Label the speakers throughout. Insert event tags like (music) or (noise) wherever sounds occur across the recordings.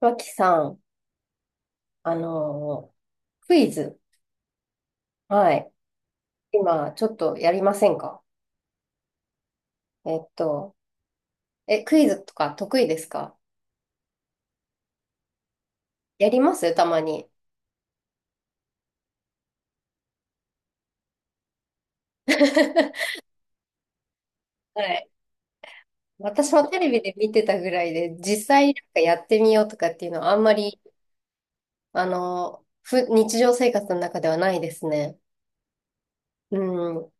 Speaker 1: 脇さん、あのークイズ。はい。今、ちょっとやりませんか？えっと、クイズとか得意ですか？やりますたまに。(laughs) はい。私もテレビで見てたぐらいで、実際なんかやってみようとかっていうのはあんまり、あのーふ、日常生活の中ではないですね。うん。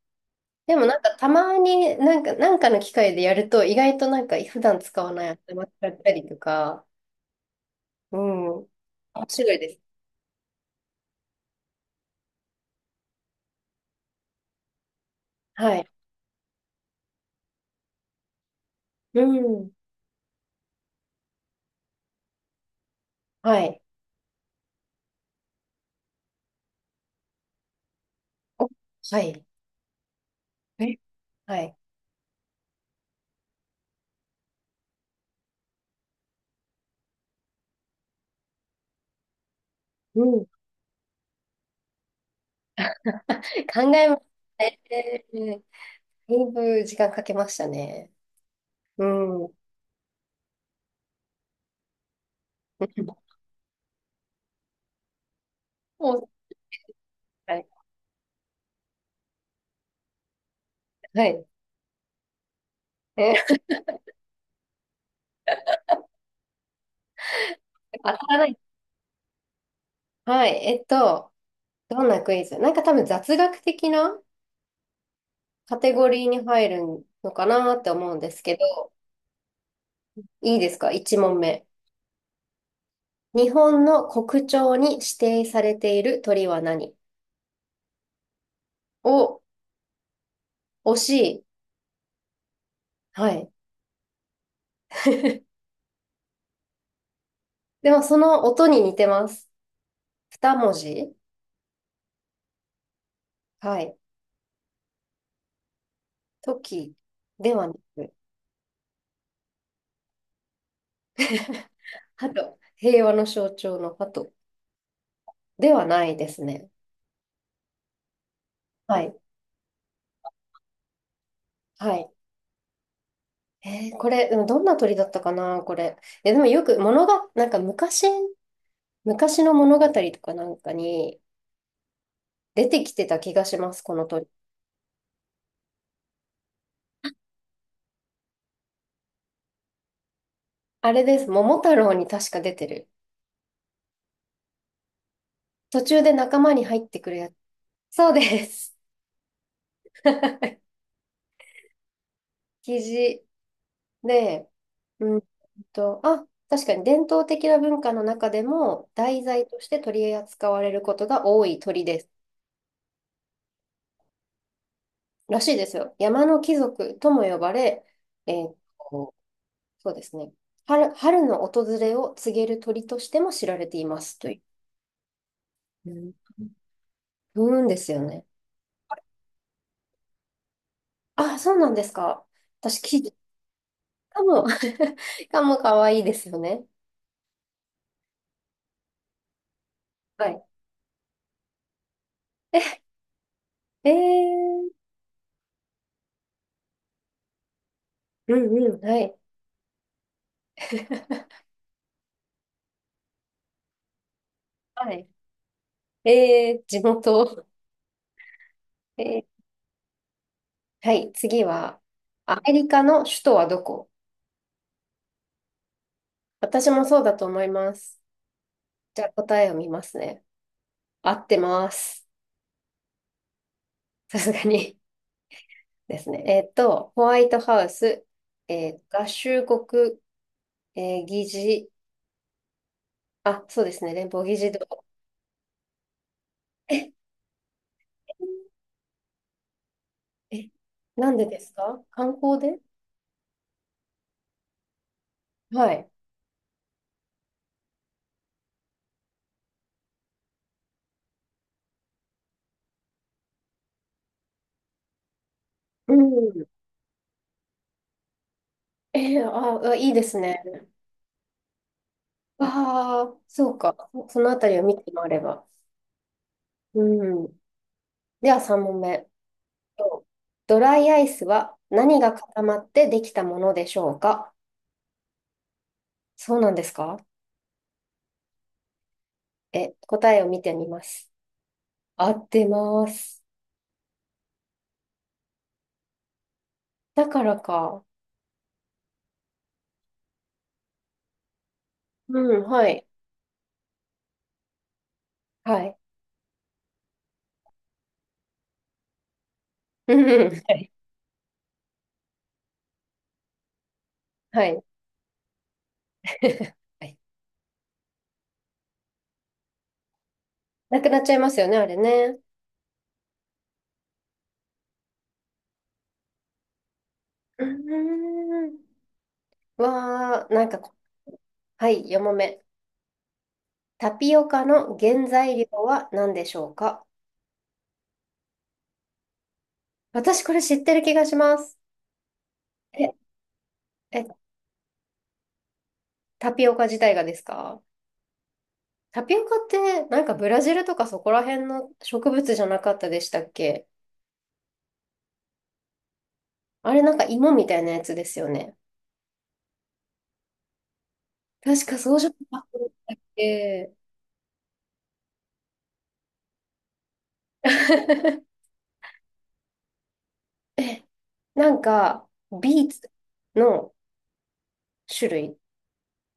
Speaker 1: でもなんかたまになんか、なんかの機会でやると、意外となんか普段使わない頭使ったりとか、うん。面白いです。はい。うん。はい。お、はい。え、はい。うん。考えましたね。だいぶ時間かけましたね。うん。もう、はい。はい。え、当たらない。はい。どんなクイズなんか多分雑学的なカテゴリーに入るのかなって思うんですけど、いいですか ?1 問目。日本の国鳥に指定されている鳥は何？お、惜しい。はい。でもその音に似てます。2文字。はい。時ではなく、(laughs) 鳩、平和の象徴の鳩ではないですね。はい。はい。これ、でもどんな鳥だったかな、これ。え、でもよく物が、なんか昔、昔の物語とかなんかに出てきてた気がします、この鳥。あれです、桃太郎に確か出てる。途中で仲間に入ってくるやつ。そうです。(laughs) キジ。で、うんあ、確かに伝統的な文化の中でも題材として取り扱われることが多い鳥です。らしいですよ。山の貴族とも呼ばれ、えーと、そうですね。春の訪れを告げる鳥としても知られていますという。うんですよね。あ、そうなんですか。私、かも、(laughs) カモかも可愛いですよね。はい。えー、うんうん、はい。(laughs) はい。(laughs) 地元。えはい、次は、アメリカの首都はどこ？私もそうだと思います。じゃあ答えを見ますね。合ってます。さすがに (laughs) ですね。ホワイトハウス、合衆国、議事、あ、そうですね、連邦議事堂。え、え、なんでですか？観光で？はい。うん。あ、いいですね。ああ、そうか。そのあたりを見て回れば。うん。では3問目。とドライアイスは何が固まってできたものでしょうか？そうなんですか？え、答えを見てみます。合ってます。だからか。うん、はい。はい。うん、はい。はい。(laughs) はい。なくなっちゃいますよね、あれね。うーん。わー、なんかこ、はい、4問目。タピオカの原材料は何でしょうか？私これ知ってる気がします。え、え、タピオカ自体がですか？タピオカってなんかブラジルとかそこら辺の植物じゃなかったでしたっけ？あれなんか芋みたいなやつですよね。確かそうじゃなかったっけ？ (laughs) え、なんかビーツの種類。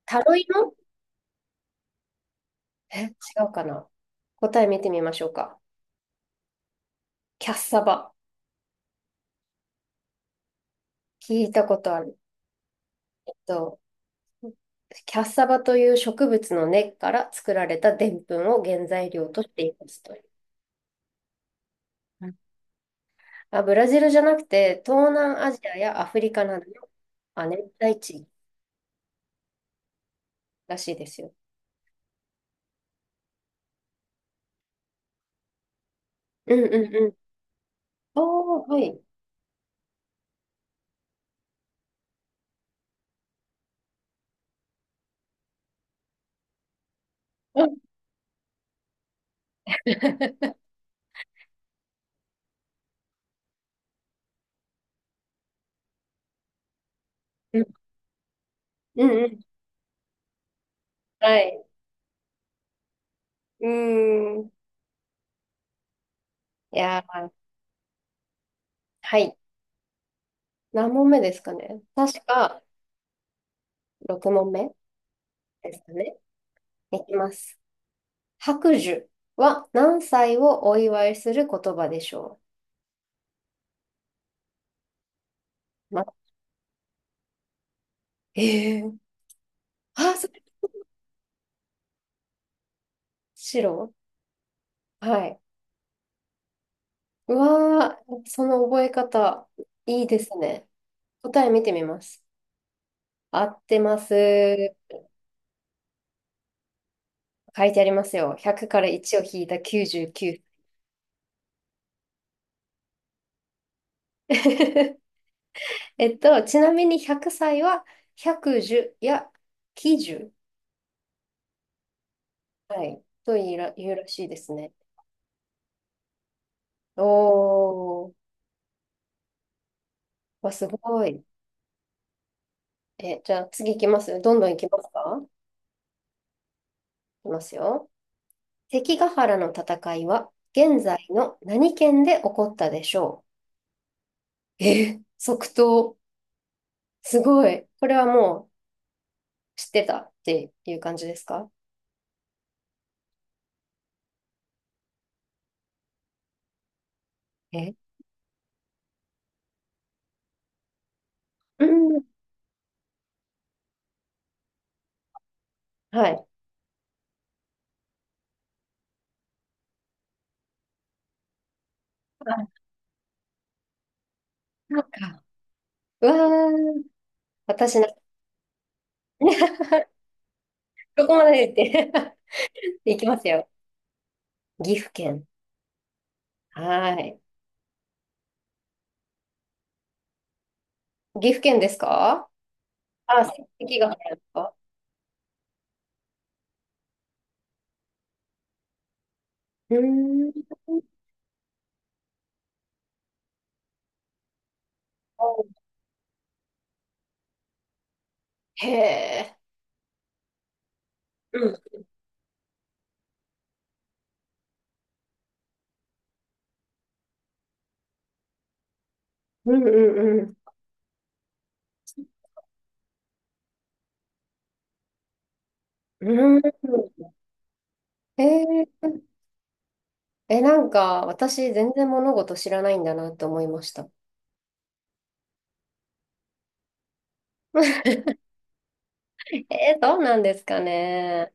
Speaker 1: タロイモ？え、違うかな？答え見てみましょうか。キャッサバ。聞いたことある。えっと、キャッサバという植物の根っから作られた澱粉を原材料としていますと。あ、ブラジルじゃなくて、東南アジアやアフリカなどの亜熱帯地域らしいですよ。うんうんうん。おー、はい。うんうんうんうん。はい。うーん。いやー、はい。何問目ですかね。確か6問目ですかね。いきます。白寿は何歳をお祝いする言葉でしょう？ま、えー、あ、それ、白。はい。うわー、その覚え方、いいですね。答え見てみます。合ってます。書いてありますよ。100から1を引いた99。(laughs) ちなみに100歳は百1や90、はい、というら、言うらしいですね。おー、わ、すごい。え、じゃあ次行きます。どんどん行きますか？行きますよ。関ヶ原の戦いは現在の何県で起こったでしょう？え、即答。すごい。これはもう知ってたっていう感じですか？えうんはい。なんか、うわー、私な、(laughs) どこまで言って (laughs) 行きますよ。岐阜県。はい。岐阜県ですか？あ、関が入るんですか？うーん。へえ。うん。うんうんうん。うん。へえー、え、なんか、私、全然物事知らないんだなって思いました。(laughs) そうなんですかね。